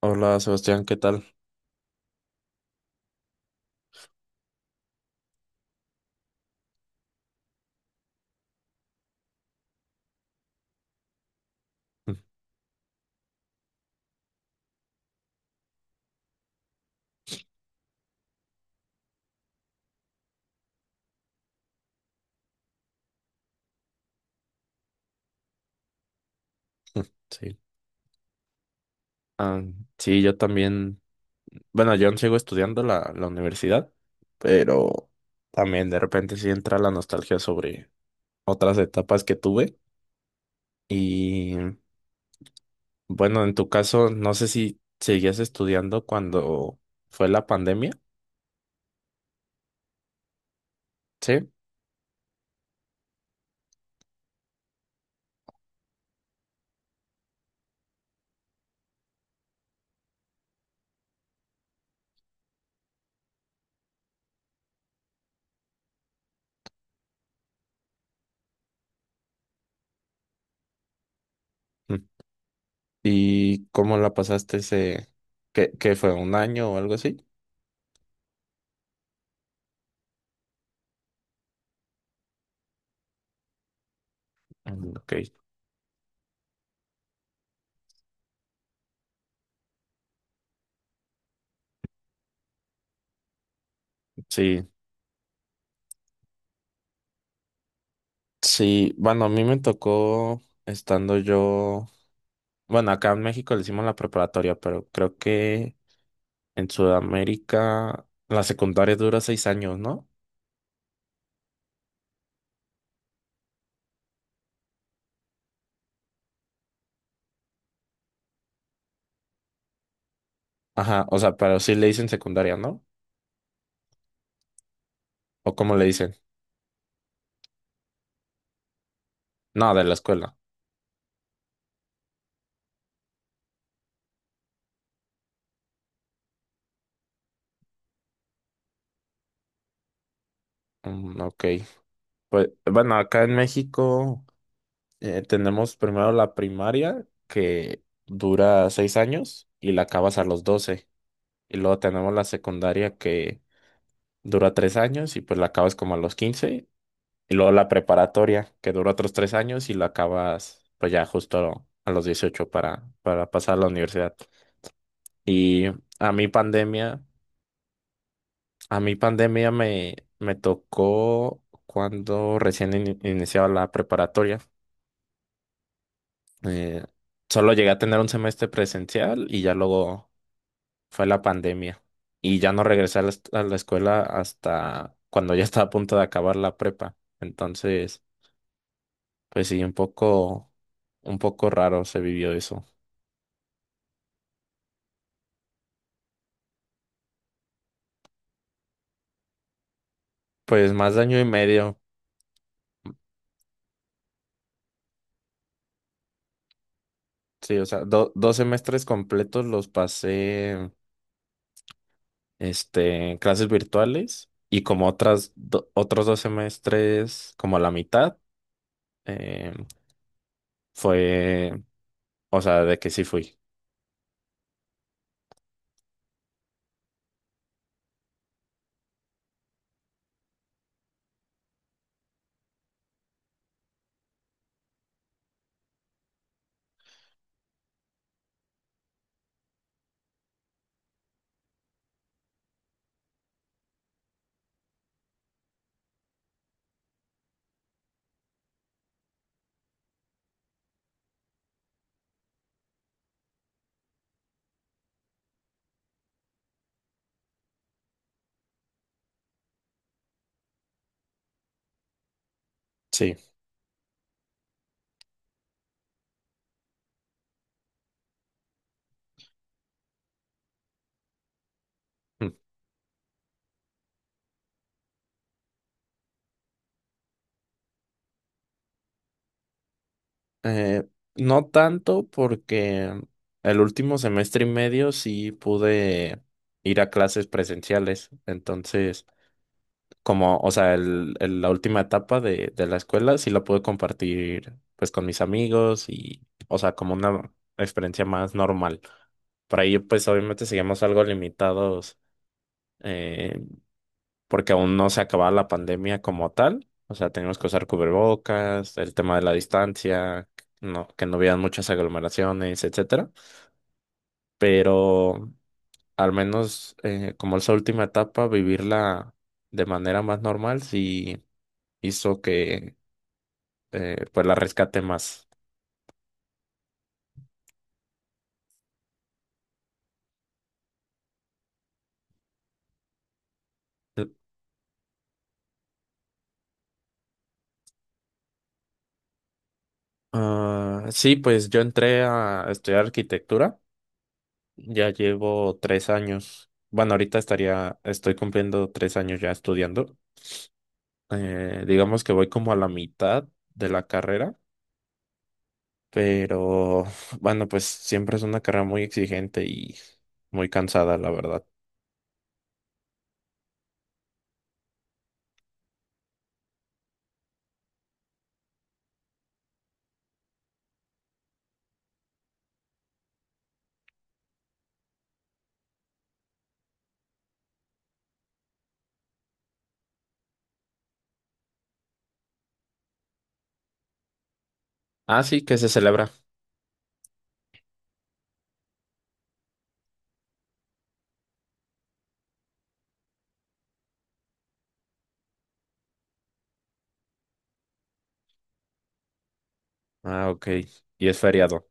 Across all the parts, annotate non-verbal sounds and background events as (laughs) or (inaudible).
Hola Sebastián, ¿qué tal? (laughs) Sí. Ah, sí, yo también. Bueno, yo aún sigo estudiando la universidad, pero también de repente sí entra la nostalgia sobre otras etapas que tuve. Y bueno, en tu caso, no sé si seguías estudiando cuando fue la pandemia. Sí. Mm. ¿Y cómo la pasaste qué fue, un año o algo así? Mm, ok, sí, sí, bueno, a mí me tocó estando yo. Bueno, acá en México le hicimos la preparatoria, pero creo que en Sudamérica la secundaria dura 6 años, ¿no? Ajá, o sea, pero sí le dicen secundaria, ¿no? ¿O cómo le dicen? No, de la escuela. Mm, ok. Pues bueno, acá en México tenemos primero la primaria, que dura 6 años y la acabas a los 12. Y luego tenemos la secundaria que dura 3 años y pues la acabas como a los 15. Y luego la preparatoria, que dura otros 3 años y lo acabas, pues ya justo a los 18 para pasar a la universidad. Y a mi pandemia, a mi pandemia me tocó cuando recién iniciaba la preparatoria. Eh, Solo llegué a tener un semestre presencial y ya luego fue la pandemia. Y ya no regresé a la escuela hasta cuando ya estaba a punto de acabar la prepa. Entonces. Pues sí, un poco raro se vivió eso. Pues más de año y medio. Sí, o sea, 2 semestres completos los pasé, en clases virtuales y como otros 2 semestres, como la mitad, eh, fue, o sea, de que sí fui. Sí. Mm. Eh, no tanto porque el último semestre y medio sí pude ir a clases presenciales, entonces como, o sea, la última etapa de la escuela sí la pude compartir pues con mis amigos y, o sea, como una experiencia más normal. Por ahí pues obviamente seguimos algo limitados, eh, porque aún no se acababa la pandemia como tal. O sea, teníamos que usar cubrebocas, el tema de la distancia, no, que no hubieran muchas aglomeraciones, etcétera. Pero al menos, como esa última etapa, vivirla de manera más normal, sí hizo que pues la rescate más. Ah, sí, pues yo entré a estudiar arquitectura, ya llevo 3 años. Bueno, ahorita estoy cumpliendo 3 años ya estudiando. Digamos que voy como a la mitad de la carrera, pero bueno, pues siempre es una carrera muy exigente y muy cansada, la verdad. Ah, sí, que se celebra. Ah, ok. Y es feriado.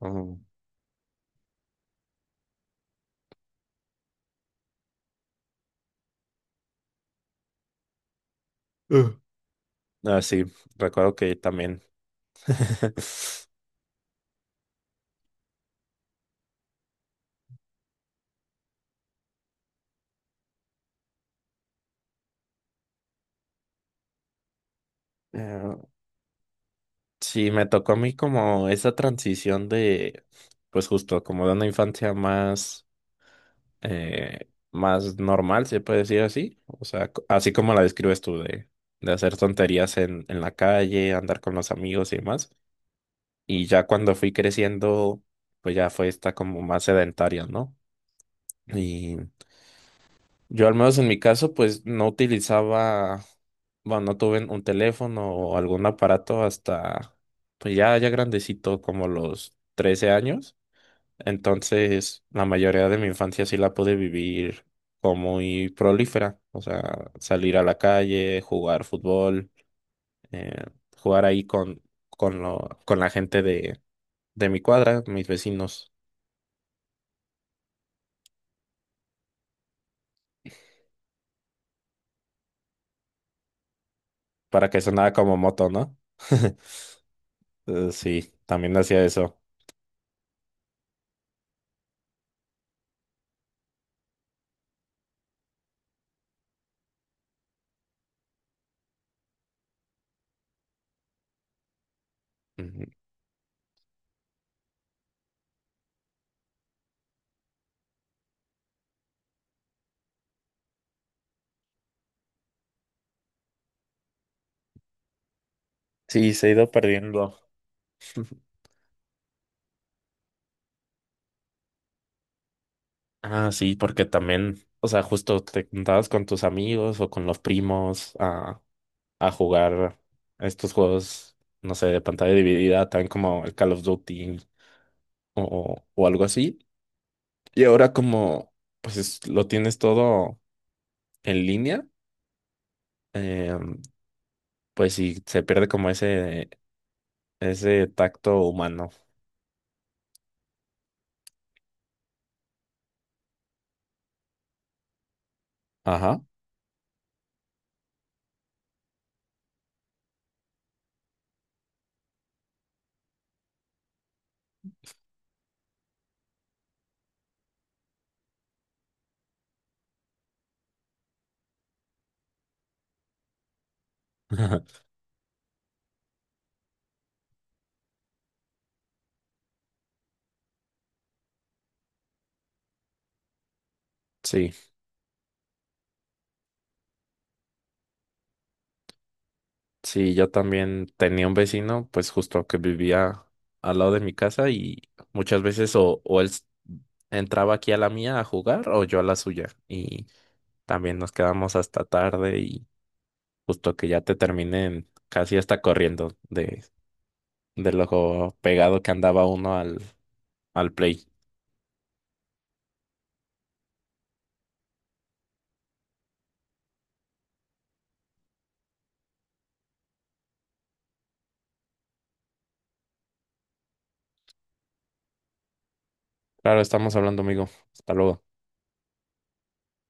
Oh. Uh. Ah, sí, recuerdo que también. (laughs) Eh, Sí, me tocó a mí como esa transición de, pues justo como de una infancia más, más normal, se puede decir así, o sea, así como la describes tú, de hacer tonterías en la calle, andar con los amigos y demás, y ya cuando fui creciendo, pues ya fue esta como más sedentaria, ¿no? Yo al menos en mi caso, pues no utilizaba, bueno, no tuve un teléfono o algún aparato hasta, pues ya, ya grandecito, como los 13 años. Entonces, la mayoría de mi infancia sí la pude vivir como muy prolífera, o sea, salir a la calle, jugar fútbol, eh, jugar ahí con, lo, con la gente de mi cuadra, mis vecinos, para que sonara como moto, ¿no? (laughs) Sí, también hacía eso. Sí, se ha ido perdiendo. (laughs) Ah, sí, porque también, o sea, justo te juntabas con tus amigos o con los primos a jugar estos juegos, no sé, de pantalla dividida, tan como el Call of Duty o algo así. Y ahora como, pues lo tienes todo en línea, eh, pues sí, se pierde como ese tacto humano. Ajá. (laughs) Sí. Sí, yo también tenía un vecino, pues justo que vivía al lado de mi casa y muchas veces o entraba aquí a la mía a jugar o yo a la suya. Y también nos quedamos hasta tarde y justo que ya te terminen casi hasta corriendo de lo pegado que andaba uno al play. Claro, estamos hablando, amigo. Hasta luego.